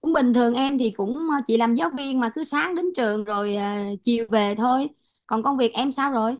Cũng bình thường em, thì cũng chỉ làm giáo viên mà cứ sáng đến trường rồi chiều về thôi. Còn công việc em sao rồi?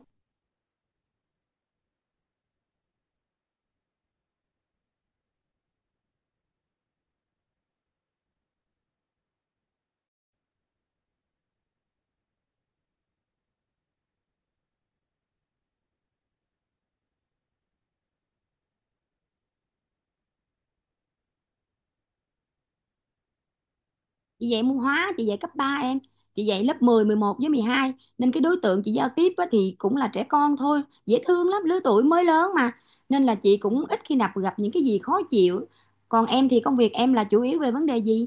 Chị dạy môn hóa, chị dạy cấp 3 em. Chị dạy lớp 10, 11 với 12, nên cái đối tượng chị giao tiếp á, thì cũng là trẻ con thôi, dễ thương lắm, lứa tuổi mới lớn mà, nên là chị cũng ít khi nào gặp những cái gì khó chịu. Còn em thì công việc em là chủ yếu về vấn đề gì?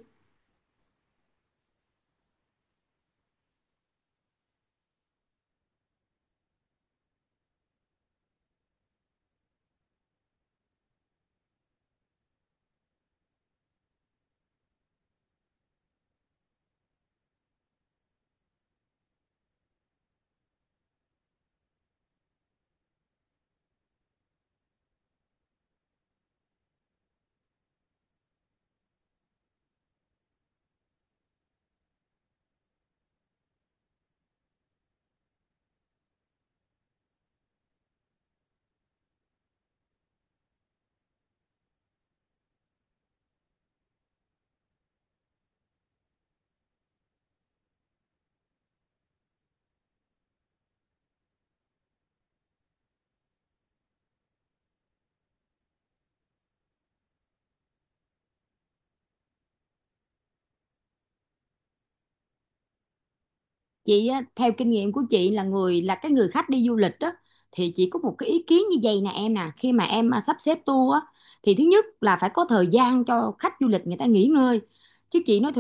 Chị á, theo kinh nghiệm của chị, là người, là cái người khách đi du lịch đó, thì chị có một cái ý kiến như vậy nè em nè. Khi mà em sắp xếp tour á, thì thứ nhất là phải có thời gian cho khách du lịch người ta nghỉ ngơi. Chứ chị nói,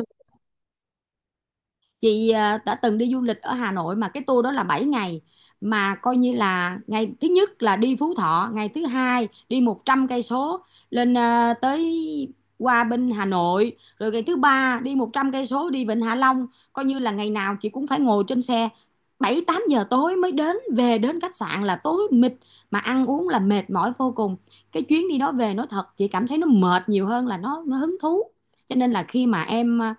đã từng đi du lịch ở Hà Nội mà cái tour đó là 7 ngày, mà coi như là ngày thứ nhất là đi Phú Thọ, ngày thứ hai đi 100 cây số lên tới, qua bên Hà Nội, rồi ngày thứ ba đi 100 cây số đi Vịnh Hạ Long. Coi như là ngày nào chị cũng phải ngồi trên xe, 7 8 giờ tối mới đến, về đến khách sạn là tối mịt, mà ăn uống là mệt mỏi vô cùng. Cái chuyến đi đó về nói thật chị cảm thấy nó mệt nhiều hơn là nó hứng thú. Cho nên là khi mà em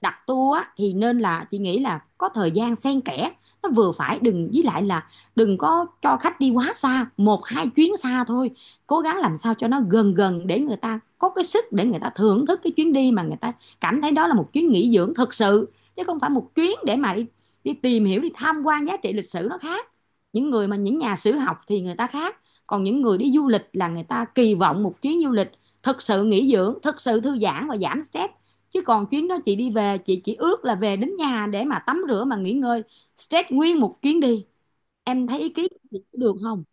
đặt tour á, thì nên, là chị nghĩ là có thời gian xen kẽ, nó vừa phải, đừng với lại là đừng có cho khách đi quá xa, một hai chuyến xa thôi, cố gắng làm sao cho nó gần gần để người ta có cái sức để người ta thưởng thức cái chuyến đi, mà người ta cảm thấy đó là một chuyến nghỉ dưỡng thực sự, chứ không phải một chuyến để mà đi tìm hiểu, đi tham quan giá trị lịch sử nó khác. Những người mà những nhà sử học thì người ta khác, còn những người đi du lịch là người ta kỳ vọng một chuyến du lịch thực sự nghỉ dưỡng, thực sự thư giãn và giảm stress. Chứ còn chuyến đó chị đi về, chị chỉ ước là về đến nhà để mà tắm rửa mà nghỉ ngơi, stress nguyên một chuyến đi. Em thấy ý kiến chị được không?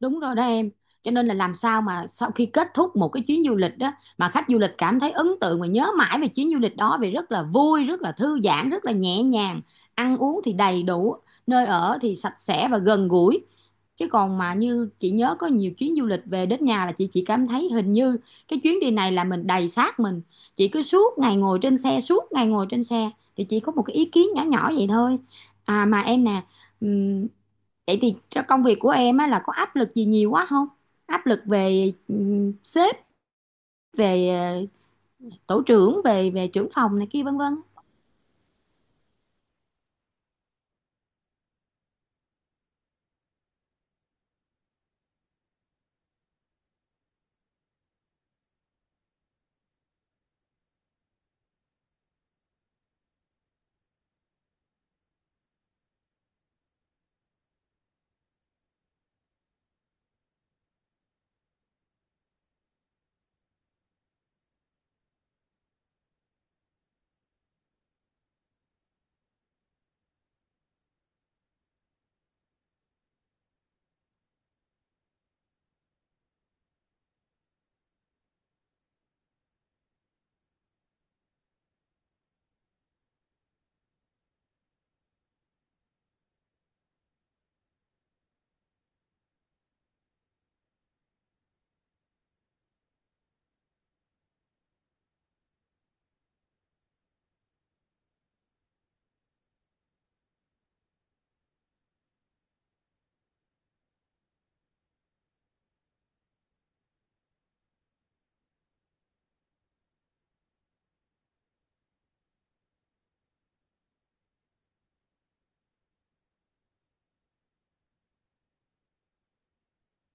Đúng rồi đó em. Cho nên là làm sao mà sau khi kết thúc một cái chuyến du lịch đó mà khách du lịch cảm thấy ấn tượng và nhớ mãi về chuyến du lịch đó, vì rất là vui, rất là thư giãn, rất là nhẹ nhàng, ăn uống thì đầy đủ, nơi ở thì sạch sẽ và gần gũi. Chứ còn mà như chị nhớ, có nhiều chuyến du lịch về đến nhà là chị chỉ cảm thấy hình như cái chuyến đi này là mình đầy xác mình. Chị cứ suốt ngày ngồi trên xe, suốt ngày ngồi trên xe. Thì chỉ có một cái ý kiến nhỏ nhỏ vậy thôi. À mà em nè, vậy thì trong công việc của em á, là có áp lực gì nhiều quá không? Áp lực về sếp, về ờ, tổ trưởng, về về trưởng phòng này kia vân vân.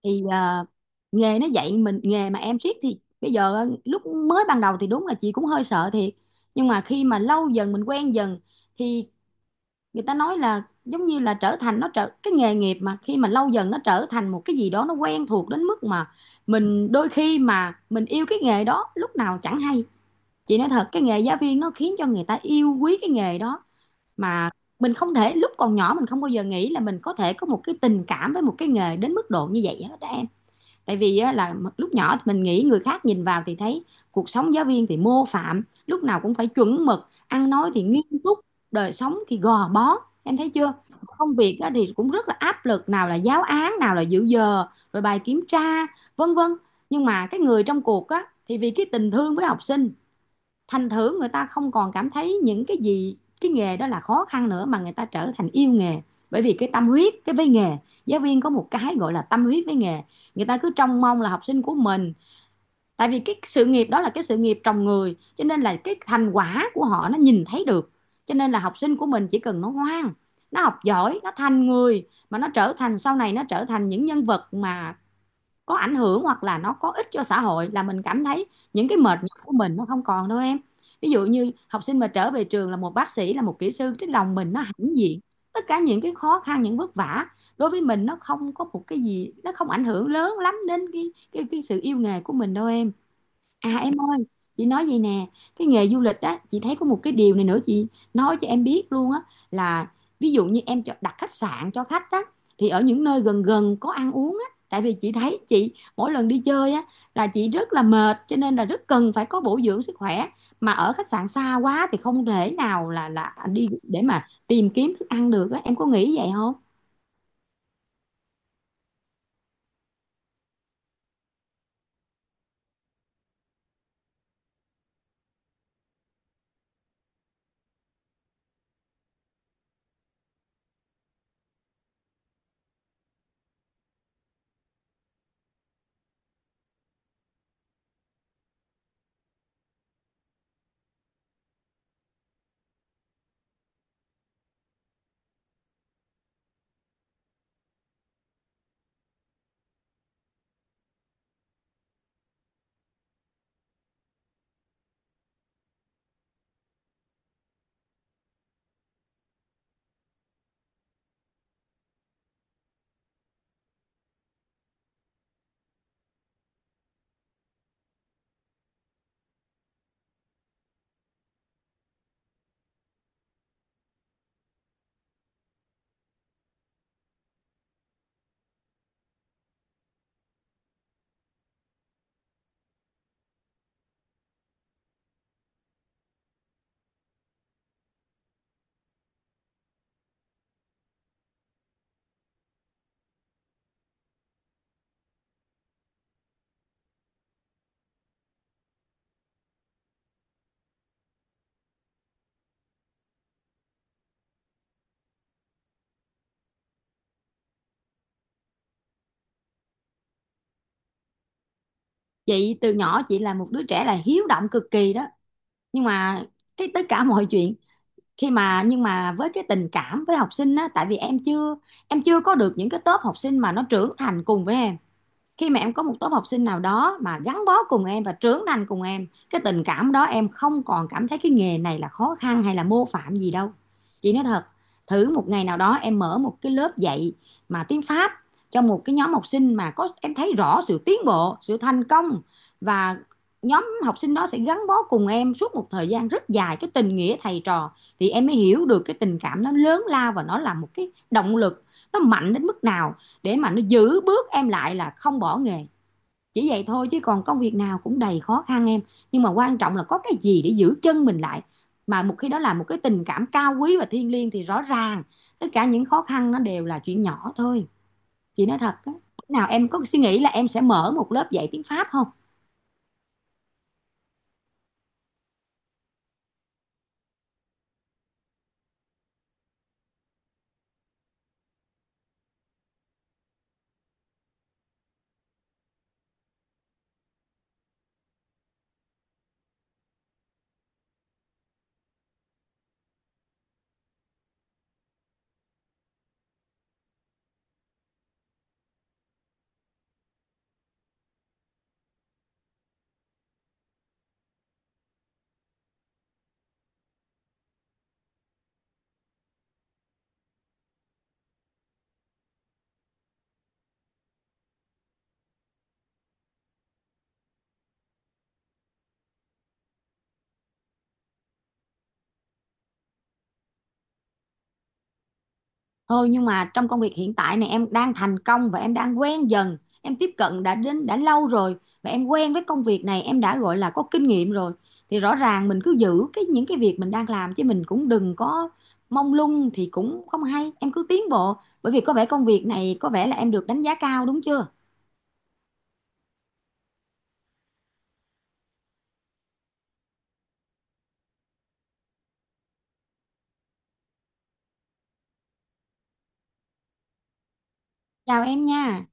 Thì nghề nó dạy mình nghề mà em, riết thì bây giờ lúc mới ban đầu thì đúng là chị cũng hơi sợ thiệt. Nhưng mà khi mà lâu dần mình quen dần, thì người ta nói là giống như là trở thành, nó trở cái nghề nghiệp mà, khi mà lâu dần nó trở thành một cái gì đó nó quen thuộc đến mức mà mình đôi khi mà mình yêu cái nghề đó lúc nào chẳng hay. Chị nói thật, cái nghề giáo viên nó khiến cho người ta yêu quý cái nghề đó, mà mình không thể, lúc còn nhỏ mình không bao giờ nghĩ là mình có thể có một cái tình cảm với một cái nghề đến mức độ như vậy hết đó em. Tại vì á, là lúc nhỏ thì mình nghĩ người khác nhìn vào thì thấy cuộc sống giáo viên thì mô phạm, lúc nào cũng phải chuẩn mực, ăn nói thì nghiêm túc, đời sống thì gò bó, em thấy chưa. Công việc á, thì cũng rất là áp lực, nào là giáo án, nào là dự giờ, rồi bài kiểm tra, vân vân. Nhưng mà cái người trong cuộc á thì vì cái tình thương với học sinh, thành thử người ta không còn cảm thấy những cái gì cái nghề đó là khó khăn nữa, mà người ta trở thành yêu nghề. Bởi vì cái tâm huyết với nghề, giáo viên có một cái gọi là tâm huyết với nghề. Người ta cứ trông mong là học sinh của mình, tại vì cái sự nghiệp đó là cái sự nghiệp trồng người, cho nên là cái thành quả của họ nó nhìn thấy được. Cho nên là học sinh của mình chỉ cần nó ngoan, nó học giỏi, nó thành người, mà nó trở thành sau này, nó trở thành những nhân vật mà có ảnh hưởng, hoặc là nó có ích cho xã hội, là mình cảm thấy những cái mệt nhọc của mình nó không còn đâu em. Ví dụ như học sinh mà trở về trường là một bác sĩ, là một kỹ sư, cái lòng mình nó hãnh diện. Tất cả những cái khó khăn, những vất vả đối với mình nó không có một cái gì, nó không ảnh hưởng lớn lắm đến cái sự yêu nghề của mình đâu em. À em ơi, chị nói gì nè, cái nghề du lịch á, chị thấy có một cái điều này nữa chị nói cho em biết luôn á, là ví dụ như em cho- đặt khách sạn cho khách á, thì ở những nơi gần gần có ăn uống á, tại vì chị thấy chị mỗi lần đi chơi á là chị rất là mệt, cho nên là rất cần phải có bổ dưỡng sức khỏe. Mà ở khách sạn xa quá thì không thể nào là đi để mà tìm kiếm thức ăn được á, em có nghĩ vậy không? Chị từ nhỏ chị là một đứa trẻ là hiếu động cực kỳ đó, nhưng mà cái tất cả mọi chuyện khi mà, nhưng mà với cái tình cảm với học sinh á, tại vì em chưa, em chưa có được những cái tốp học sinh mà nó trưởng thành cùng với em. Khi mà em có một tốp học sinh nào đó mà gắn bó cùng em và trưởng thành cùng em, cái tình cảm đó em không còn cảm thấy cái nghề này là khó khăn hay là mô phạm gì đâu, chị nói thật. Thử một ngày nào đó em mở một cái lớp dạy mà tiếng Pháp, cho một cái nhóm học sinh mà có em thấy rõ sự tiến bộ, sự thành công, và nhóm học sinh đó sẽ gắn bó cùng em suốt một thời gian rất dài, cái tình nghĩa thầy trò, thì em mới hiểu được cái tình cảm nó lớn lao và nó là một cái động lực, nó mạnh đến mức nào, để mà nó giữ bước em lại là không bỏ nghề. Chỉ vậy thôi, chứ còn công việc nào cũng đầy khó khăn em, nhưng mà quan trọng là có cái gì để giữ chân mình lại. Mà một khi đó là một cái tình cảm cao quý và thiêng liêng thì rõ ràng tất cả những khó khăn nó đều là chuyện nhỏ thôi, chị nói thật á. Nào, em có suy nghĩ là em sẽ mở một lớp dạy tiếng Pháp không? Ừ, nhưng mà trong công việc hiện tại này em đang thành công và em đang quen dần, em tiếp cận đã đến đã lâu rồi, và em quen với công việc này, em đã gọi là có kinh nghiệm rồi, thì rõ ràng mình cứ giữ cái những cái việc mình đang làm, chứ mình cũng đừng có mông lung thì cũng không hay. Em cứ tiến bộ, bởi vì có vẻ công việc này có vẻ là em được đánh giá cao, đúng chưa? Chào em nha.